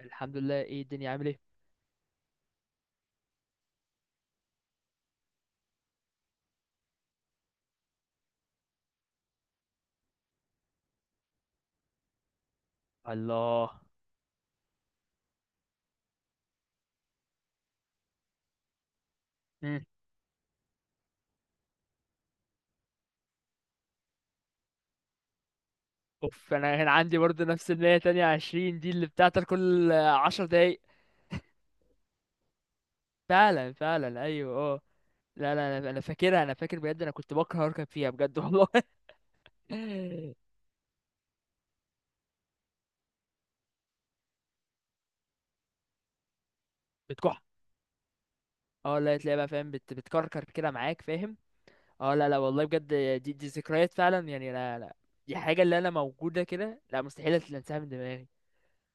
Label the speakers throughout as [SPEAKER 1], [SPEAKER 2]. [SPEAKER 1] الحمد لله، ايه الدنيا عامل ايه؟ الله. مم. اوف، انا كان عندي برضه نفس اللي هي تانية عشرين دي اللي بتاعتك كل 10 دقايق. فعلا فعلا، ايوه اه. لا لا، أنا فاكرها، انا فاكر بجد، انا كنت بكره اركب فيها بجد والله. بتكح. اه لا، تلاقي بقى فاهم، بتكركر كده معاك فاهم. اه لا لا والله بجد. دي ذكريات فعلا يعني، لا لا، دي حاجة اللي انا موجودة كده، لا مستحيل انساها من دماغي،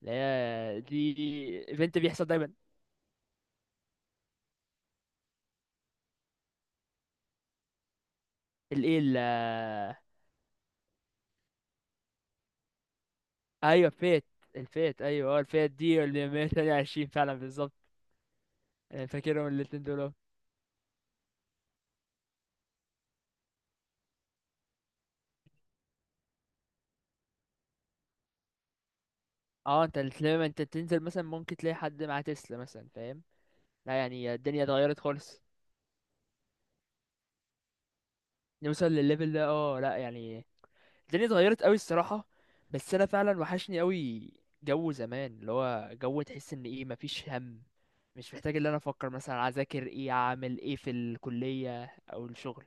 [SPEAKER 1] لا دي ايفنت بيحصل دايما. الايه؟ ايوه فيت. الفيت، ايوه اه، الفيت دي اللي 128 فعلا بالظبط. أنا فاكرهم الاتنين دول أهو. اه، انت لما انت تنزل مثلا ممكن تلاقي حد مع تسلا مثلا فاهم. لا يعني الدنيا اتغيرت خالص، نوصل للليفل ده، اه لا يعني الدنيا اتغيرت قوي الصراحة. بس انا فعلا وحشني قوي جو زمان، اللي هو جو تحس ان ايه مفيش هم، مش محتاج ان انا افكر مثلا اذاكر ايه اعمل ايه في الكلية او الشغل.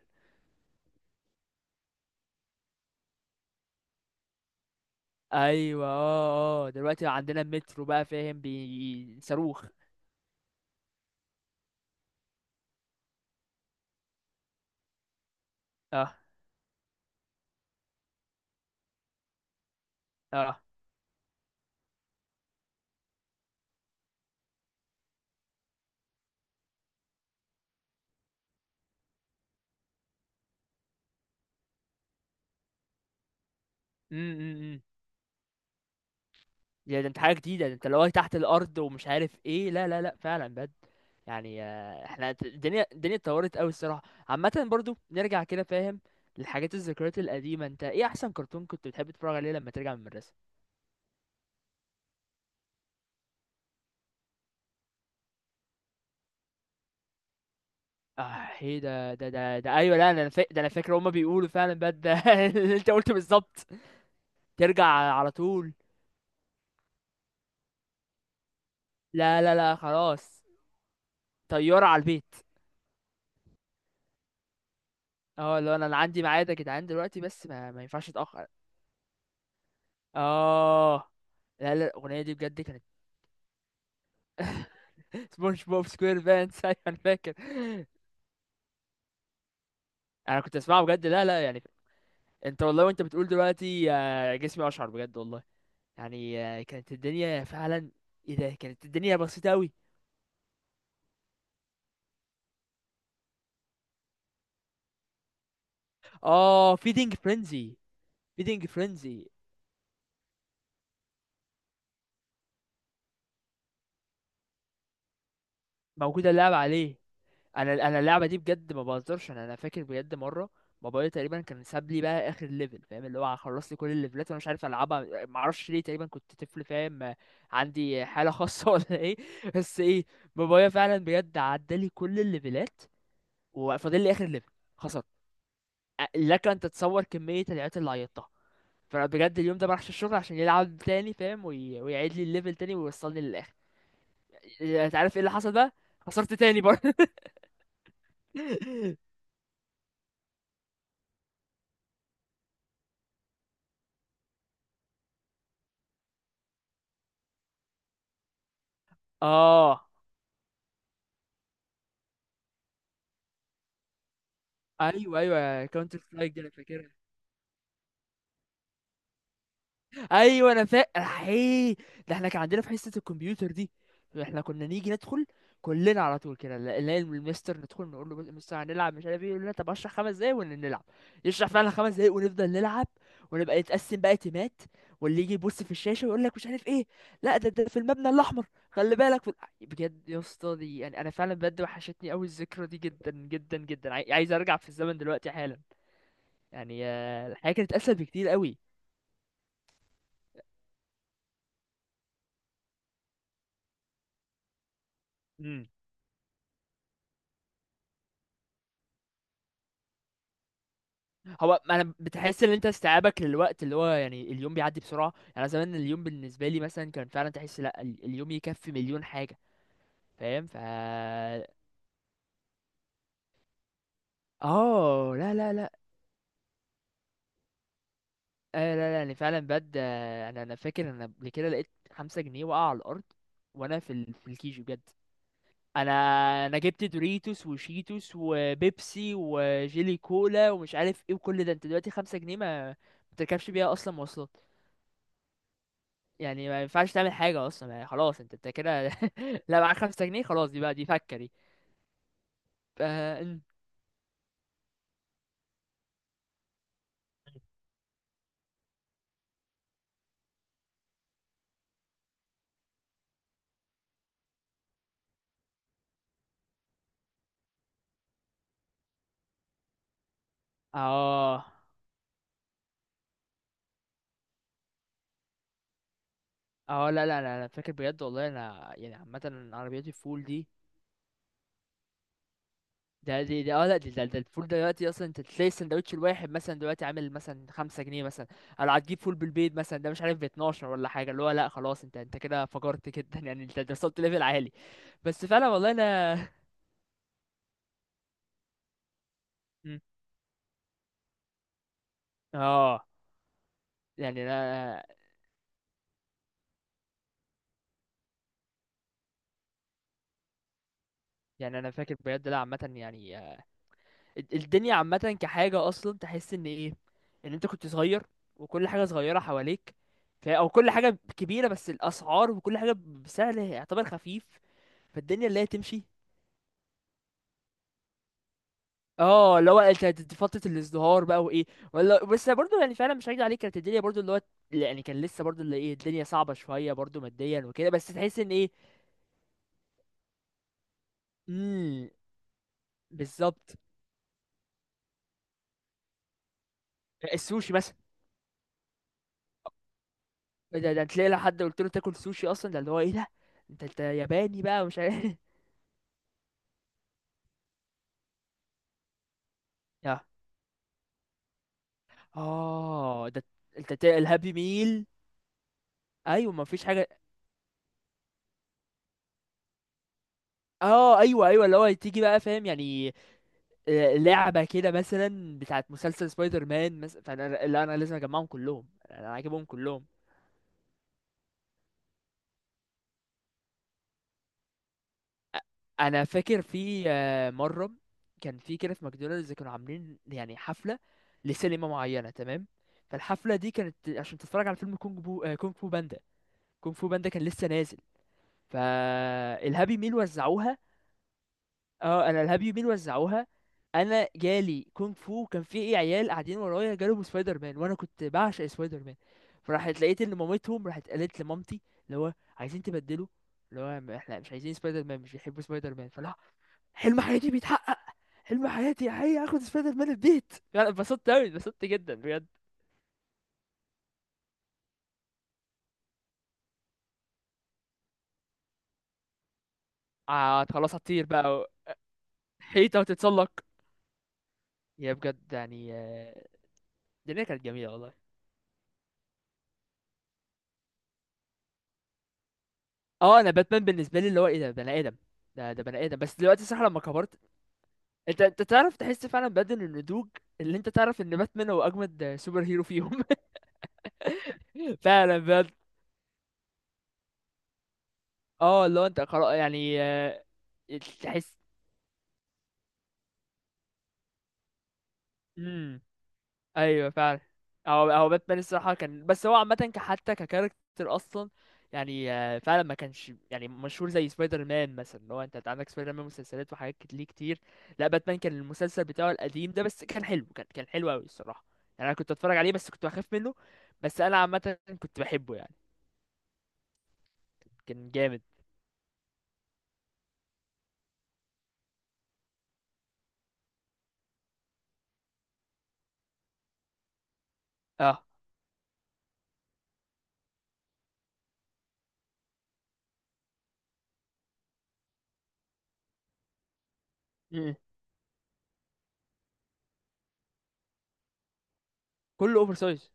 [SPEAKER 1] ايوه اه اه، دلوقتي عندنا المترو بقى فاهم بيصاروخ. اه اه. امم ده انت حاجه جديده، ده انت لو تحت الارض ومش عارف ايه، لا لا لا فعلا بجد. يعني احنا الدنيا اتطورت قوي الصراحه. عامه برضو نرجع كده فاهم للحاجات الذكريات القديمه. انت ايه احسن كرتون كنت بتحب تتفرج عليه لما ترجع من المدرسه؟ اه، ايه ده ايوه، لا ده انا فاكر، هما بيقولوا فعلا بجد ده. اللي انت قلته بالظبط، ترجع على طول. لا لا لا خلاص، طياره على البيت. اه، لو انا عندي ميعاد يا جدعان دلوقتي، بس ما ينفعش اتاخر. اه لا لا، الاغنيه دي بجد كانت. سبونج بوب سكوير بانس، ايوه. انا فاكر. انا كنت اسمعها بجد، لا لا يعني. انت والله وانت بتقول دلوقتي جسمي اشعر بجد والله. يعني كانت الدنيا فعلا، ايه ده، كانت الدنيا بسيطه قوي. اه فيدينج فرينزي، فيدينج فرينزي. موجوده اللعبه عليه. انا اللعبه دي بجد ما بهزرش، انا فاكر بجد مره، بابايا تقريبا كان ساب لي بقى اخر ليفل فاهم، اللي هو خلص لي كل الليفلات وانا مش عارف العبها، ما اعرفش ليه، تقريبا كنت طفل فاهم. عندي حاله خاصه ولا ايه؟ بس ايه؟ بابايا فعلا بجد عدى لي كل الليفلات، وفاضل لي اخر ليفل، خسرت. لك ان تتصور كميه العياط اللي عيطتها. فانا بجد اليوم ده ما راحش الشغل عشان يلعب تاني فاهم، ويعيد لي الليفل تاني ويوصلني للاخر. انت عارف ايه اللي حصل بقى؟ خسرت تاني برضه. اه، ايوه ايوه كاونتر سترايك دي، انا فاكرها. ايوه انا فاكر، ايه ده، احنا كان عندنا في حصه الكمبيوتر دي، احنا كنا نيجي ندخل كلنا على طول كده، نلاقي المستر، ندخل نقول له مستر هنلعب مش عارف ايه، يقول لنا طب اشرح 5 دقايق ونلعب، يشرح فعلا 5 دقايق ونفضل نلعب، ونبقى نتقسم بقى تيمات، واللي يجي يبص في الشاشه ويقول لك مش عارف ايه، لا ده في المبنى الاحمر، خلي بالك بجد يا اسطى. دي يعني انا فعلا بجد وحشتني قوي الذكرى دي، جدا جدا جدا، عايز ارجع في الزمن دلوقتي حالا. يعني الحياة كانت اسهل بكتير قوي. امم هو انا بتحس ان انت استيعابك للوقت اللي هو، يعني اليوم بيعدي بسرعه. يعني انا زمان اليوم بالنسبه لي مثلا كان فعلا تحس لا، اليوم يكفي مليون حاجه فاهم. اه لا لا لا. آه لا لا يعني فعلا بجد. انا فاكر انا قبل كده لقيت 5 جنيه وقع على الارض، وانا في الكيجي بجد. انا انا جبت دوريتوس وشيتوس وبيبسي وجيلي كولا ومش عارف ايه، وكل ده انت دلوقتي 5 جنيه ما تركبش بيها اصلا مواصلات، يعني ما ينفعش تعمل حاجة أصلا، يعني خلاص أنت كده. لا، معاك 5 جنيه خلاص، دي بقى دي فكة دي. ف- اه اه لا لا لا، أنا فاكر بجد والله، أنا يعني عامة عربيات الفول دي، ده اه لا ده الفول دلوقتي أصلا، أنت تلاقي السندوتش الواحد مثلا دلوقتي عامل مثلا 5 جنيه مثلا، أو لو هتجيب فول بالبيض مثلا، ده مش عارف 12 ولا حاجة، اللي هو لا خلاص، أنت كده فجرت جدا. يعني أنت وصلت ليفل عالي. بس فعلا والله أنا. اه يعني انا فاكر بجد، لا عامه يعني. الدنيا عامة كحاجة أصلا تحس إن إيه، إن أنت كنت صغير، وكل حاجة صغيرة حواليك، أو كل حاجة كبيرة، بس الأسعار وكل حاجة بسعر يعتبر خفيف، فالدنيا اللي هي تمشي. اه، اللي هو انت فترة الازدهار بقى وايه، ولا بس برضه يعني فعلا مش هكدب عليك، كانت الدنيا برضه اللي هو، يعني كان لسه برضه اللي ايه، الدنيا صعبة شوية برضه ماديا وكده، بس تحس ان ايه. امم، بالظبط، السوشي مثلا، ده تلاقي لو حد قلت له تاكل سوشي اصلا، ده اللي هو ايه ده، انت ياباني بقى ومش عارف. اه ده، انت الهابي ميل، ايوه ما فيش حاجه. اه ايوه ايوه، اللي هو تيجي بقى فاهم يعني لعبه كده مثلا بتاعت مسلسل سبايدر مان مثلا، فانا لا انا لازم اجمعهم كلهم، انا عاجبهم كلهم. انا فاكر في مره كان في كده، في ماكدونالدز كانوا عاملين يعني حفله لسينما معينه تمام. فالحفله دي كانت عشان تتفرج على فيلم كونج بو آه، كونج فو باندا. كونج فو باندا كان لسه نازل، فالهابي ميل وزعوها. اه انا الهاب يومين وزعوها، انا جالي كونغ فو، كان في ايه عيال قاعدين ورايا جالهم سبايدر مان، وانا كنت بعشق سبايدر مان. فراحت لقيت ان مامتهم راحت قالت لمامتي، اللي هو عايزين تبدلوا، اللي هو احنا مش عايزين سبايدر مان، مش بيحبوا سبايدر مان، فلا، حلم حياتي بيتحقق، حلم حياتي هي اخد سبايدر مان البيت، يعني اتبسطت قوي، اتبسطت جدا بجد. آه خلاص هتطير بقى حيطه وتتسلق. يا بجد يعني. الدنيا كانت جميله والله. اه انا باتمان بالنسبه لي اللي هو ايه، ده بني ادم، ده بني ادم، بس دلوقتي صح لما كبرت، انت تعرف تحس فعلا بدل النضوج، اللي انت تعرف ان باتمان هو اجمد سوبر هيرو فيهم. فعلا بجد. اه اللي هو انت خلاص يعني. تحس. مم. ايوه فعلا. هو باتمان الصراحه كان، بس هو عامه حتى ككاركتر اصلا، يعني فعلا ما كانش يعني مشهور زي سبايدر مان مثلا، اللي هو انت عندك سبايدر مان مسلسلات وحاجات ليه كتير. لا باتمان كان المسلسل بتاعه القديم ده، بس كان حلو، كان حلو قوي الصراحه، يعني انا كنت اتفرج عليه، بس كنت بخاف منه، بس انا عامه كنت بحبه يعني، كان جامد. اه م- م. كله اوفر سايز.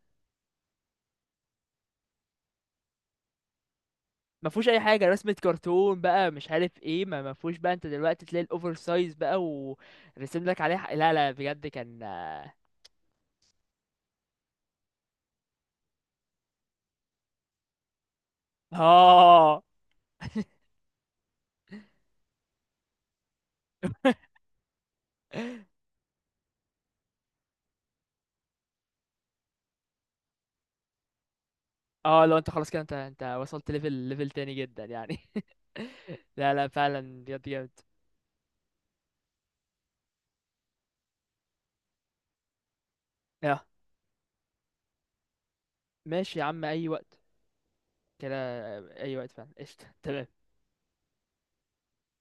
[SPEAKER 1] ما فيهوش اي حاجه رسمه كرتون بقى مش عارف ايه، ما فيهوش بقى، انت دلوقتي تلاقي الاوفر سايز بقى ورسم لك عليه، لا لا بجد كان. اه. اه لو انت خلاص كده، انت وصلت ليفل تاني جدا يعني. لا لا فعلا بجد جامد. اه ماشي يا عم اي وقت كده، اي وقت فعلا قشطه تمام.